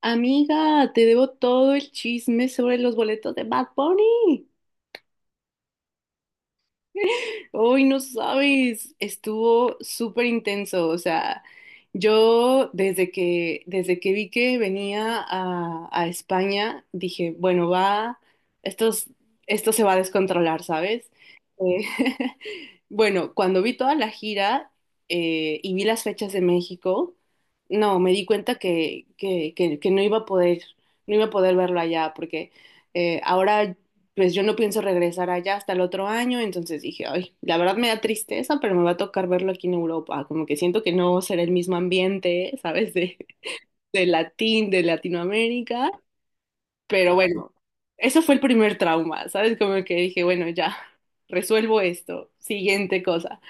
Amiga, te debo todo el chisme sobre los boletos de Bad Bunny. Hoy no sabes, estuvo súper intenso, o sea, yo desde que vi que venía a España, dije, bueno, va, esto, es- esto se va a descontrolar, ¿sabes? Eh, bueno, cuando vi toda la gira y vi las fechas de México, no, me di cuenta que no iba a poder, no iba a poder verlo allá, porque ahora pues yo no pienso regresar allá hasta el otro año. Entonces dije, ay, la verdad me da tristeza, pero me va a tocar verlo aquí en Europa, como que siento que no será el mismo ambiente, ¿sabes? De Latinoamérica, pero bueno, eso fue el primer trauma, ¿sabes? Como que dije, bueno, ya, resuelvo esto. Siguiente cosa.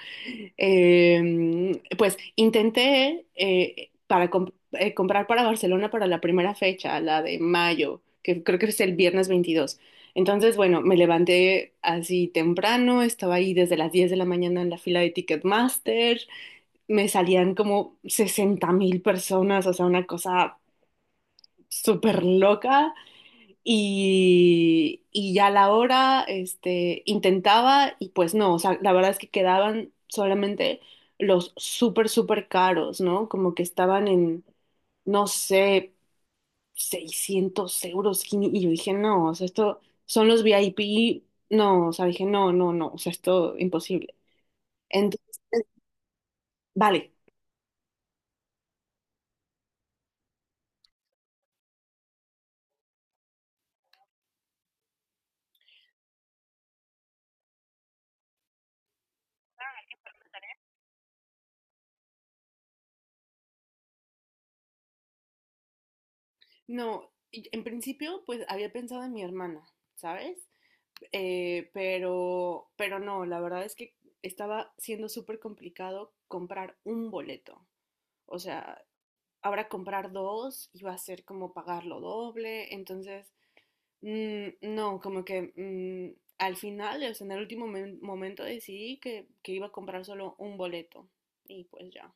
Pues intenté comprar para Barcelona para la primera fecha, la de mayo, que creo que es el viernes 22. Entonces, bueno, me levanté así temprano, estaba ahí desde las 10 de la mañana en la fila de Ticketmaster, me salían como 60.000 personas, o sea, una cosa súper loca. Y ya a la hora, este, intentaba y pues no, o sea, la verdad es que quedaban solamente los súper, súper caros, ¿no? Como que estaban en, no sé, 600 euros. Y yo dije, no, o sea, esto son los VIP. No, o sea, dije, no, no, no, o sea, esto imposible. Entonces, vale. No, y en principio, pues había pensado en mi hermana, ¿sabes? Pero no, la verdad es que estaba siendo súper complicado comprar un boleto. O sea, ahora comprar dos iba a ser como pagarlo doble. Entonces, no, como que al final, o sea, en el momento decidí que iba a comprar solo un boleto. Y pues ya.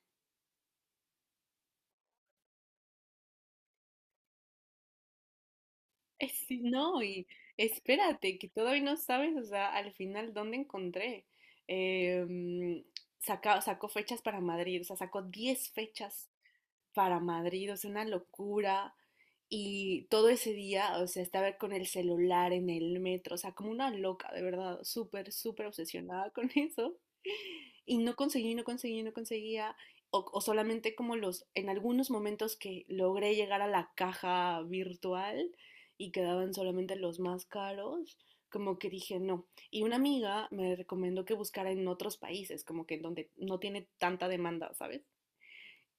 Sí, no, y espérate, que todavía no sabes, o sea, al final dónde encontré. Eh, mm, sacó fechas para Madrid, o sea, sacó 10 fechas para Madrid, o sea, una locura. Y todo ese día, o sea, estaba con el celular en el metro, o sea, como una loca, de verdad, súper, súper obsesionada con eso y no conseguía, o solamente como los, en algunos momentos que logré llegar a la caja virtual y quedaban solamente los más caros, como que dije no. Y una amiga me recomendó que buscara en otros países, como que en donde no tiene tanta demanda, ¿sabes?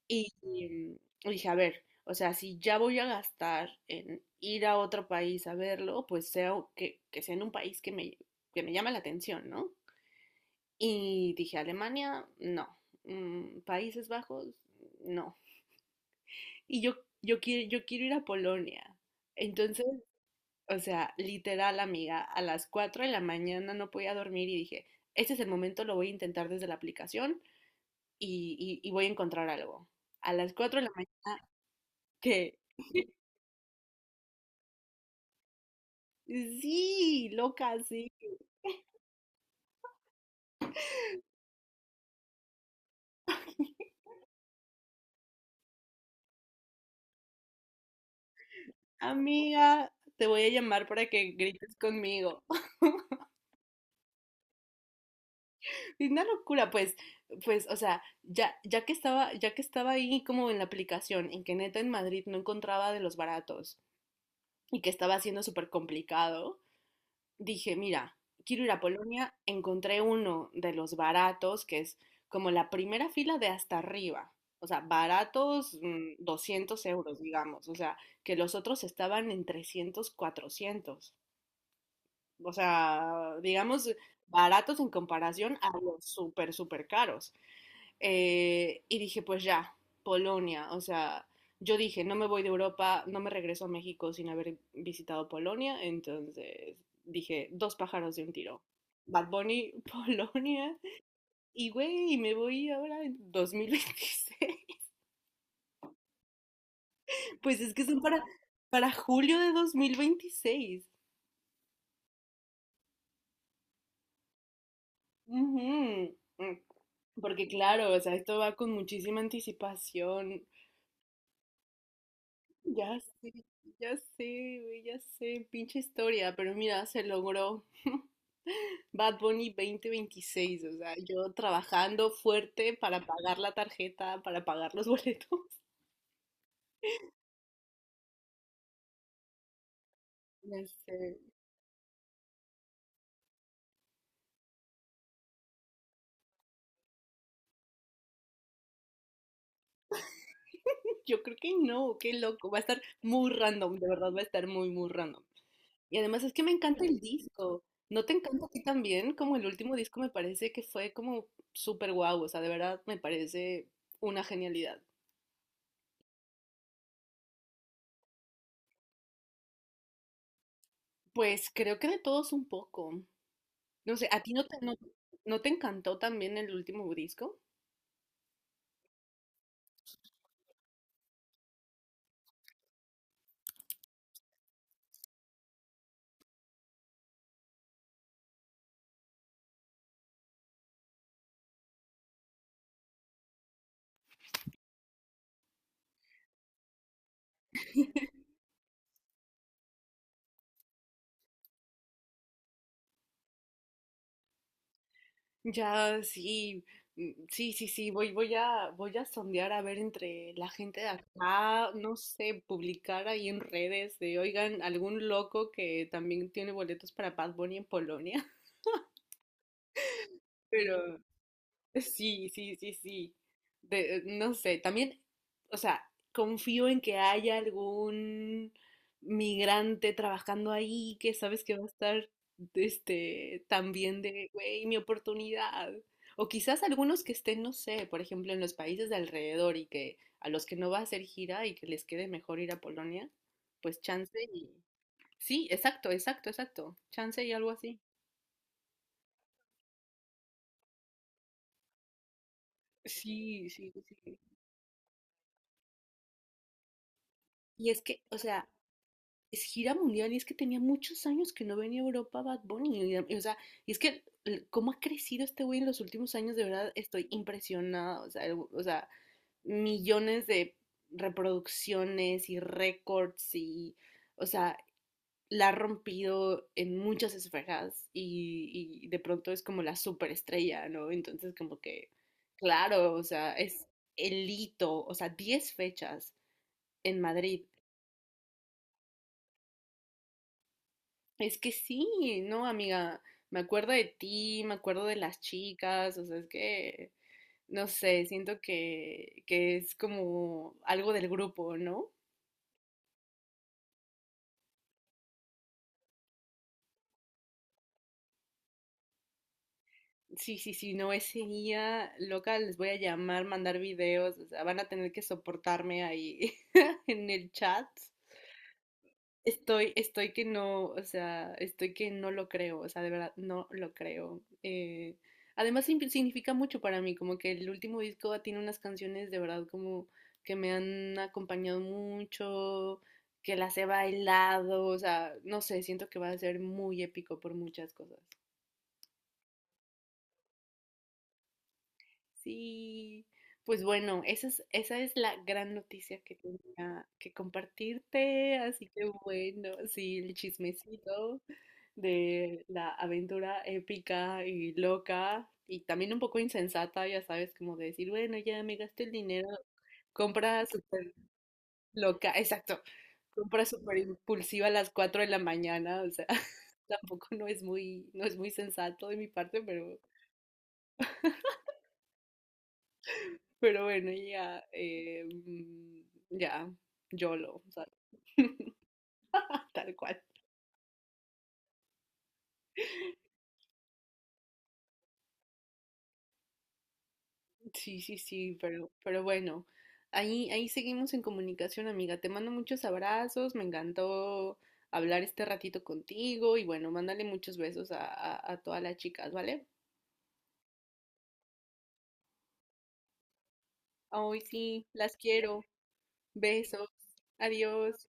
Y, mm, y dije, a ver, o sea, si ya voy a gastar en ir a otro país a verlo, pues sea o que sea en un país que me llame la atención, ¿no? Y dije, Alemania, no. Países Bajos, no. Y yo quiero ir a Polonia. Entonces, o sea, literal, amiga, a las 4 de la mañana no podía dormir y dije, este es el momento, lo voy a intentar desde la aplicación y voy a encontrar algo. A las 4 de la mañana, que sí, loca, sí. Amiga, te voy a llamar para que grites conmigo. Es una locura, pues, o sea, ya, ya que estaba ahí como en la aplicación, en que neta en Madrid no encontraba de los baratos y que estaba siendo súper complicado, dije, mira, quiero ir a Polonia, encontré uno de los baratos, que es como la primera fila de hasta arriba. O sea, baratos 200 euros, digamos. O sea, que los otros estaban en 300, 400. O sea, digamos, baratos en comparación a los súper, súper caros. Y dije, pues ya, Polonia. O sea, yo dije, no me voy de Europa, no me regreso a México sin haber visitado Polonia. Entonces dije, dos pájaros de un tiro. Bad Bunny, Polonia. Y güey, me voy ahora en 2026. Pues es que son para julio de 2026. Ujú. Porque claro, o sea, esto va con muchísima anticipación. Ya sé, ya sé, güey, ya sé, pinche historia, pero mira, se logró. Bad Bunny 2026, o sea, yo trabajando fuerte para pagar la tarjeta, para pagar los boletos. Ya sé. Yo creo que no, qué loco, va a estar muy random, de verdad va a estar muy, muy random. Y además es que me encanta el disco. ¿No te encanta a ti también? Como el último disco me parece que fue como súper guau, o sea, de verdad me parece una genialidad. Pues creo que de todos un poco. No sé, ¿a ti no te, no, no te encantó también el último disco? Ya, sí, sí, sí, sí, voy a sondear a ver entre la gente de acá, no sé, publicar ahí en redes de, oigan, algún loco que también tiene boletos para Bad Bunny en Polonia, pero sí, sí, sí, sí. No sé, también, o sea, confío en que haya algún migrante trabajando ahí que sabes que va a estar, este, también de, güey, mi oportunidad. O quizás algunos que estén, no sé, por ejemplo, en los países de alrededor y que a los que no va a hacer gira y que les quede mejor ir a Polonia, pues chance y... Sí, exacto, exacto, exacto. Chance y algo así. Sí, sí, sí. Y es que, o sea, es gira mundial y es que tenía muchos años que no venía a Europa Bad Bunny. Y, o sea, y es que cómo ha crecido este güey en los últimos años, de verdad estoy impresionada. O sea, o sea, millones de reproducciones y récords y, o sea, la ha rompido en muchas esferas y de pronto es como la superestrella, ¿no? Entonces como que, claro, o sea, es el hito, o sea, 10 fechas en Madrid. Es que sí, no, amiga, me acuerdo de ti, me acuerdo de las chicas, o sea, es que, no sé, siento que es como algo del grupo, ¿no? Sí, sí, sí, no, ese día, loca, les voy a llamar, mandar videos, o sea, van a tener que soportarme ahí en el chat. Estoy que no, o sea, estoy que no lo creo, o sea, de verdad, no lo creo. Además, significa mucho para mí, como que el último disco tiene unas canciones de verdad como que me han acompañado mucho, que las he bailado, o sea, no sé, siento que va a ser muy épico por muchas cosas. Sí, pues bueno, esa es la gran noticia que tenía que compartirte, así que bueno, sí, el chismecito de la aventura épica y loca y también un poco insensata, ya sabes, como de decir, bueno, ya me gasté el dinero, compra súper loca, exacto, compra súper impulsiva a las 4 de la mañana, o sea, tampoco no es muy, no es muy sensato de mi parte, pero bueno, ya, ya, YOLO, o sea, tal cual. Sí, sí, sí, pero bueno, ahí seguimos en comunicación, amiga. Te mando muchos abrazos, me encantó hablar este ratito contigo y bueno, mándale muchos besos a todas las chicas, ¿vale? Ay, sí, las quiero. Besos. Adiós.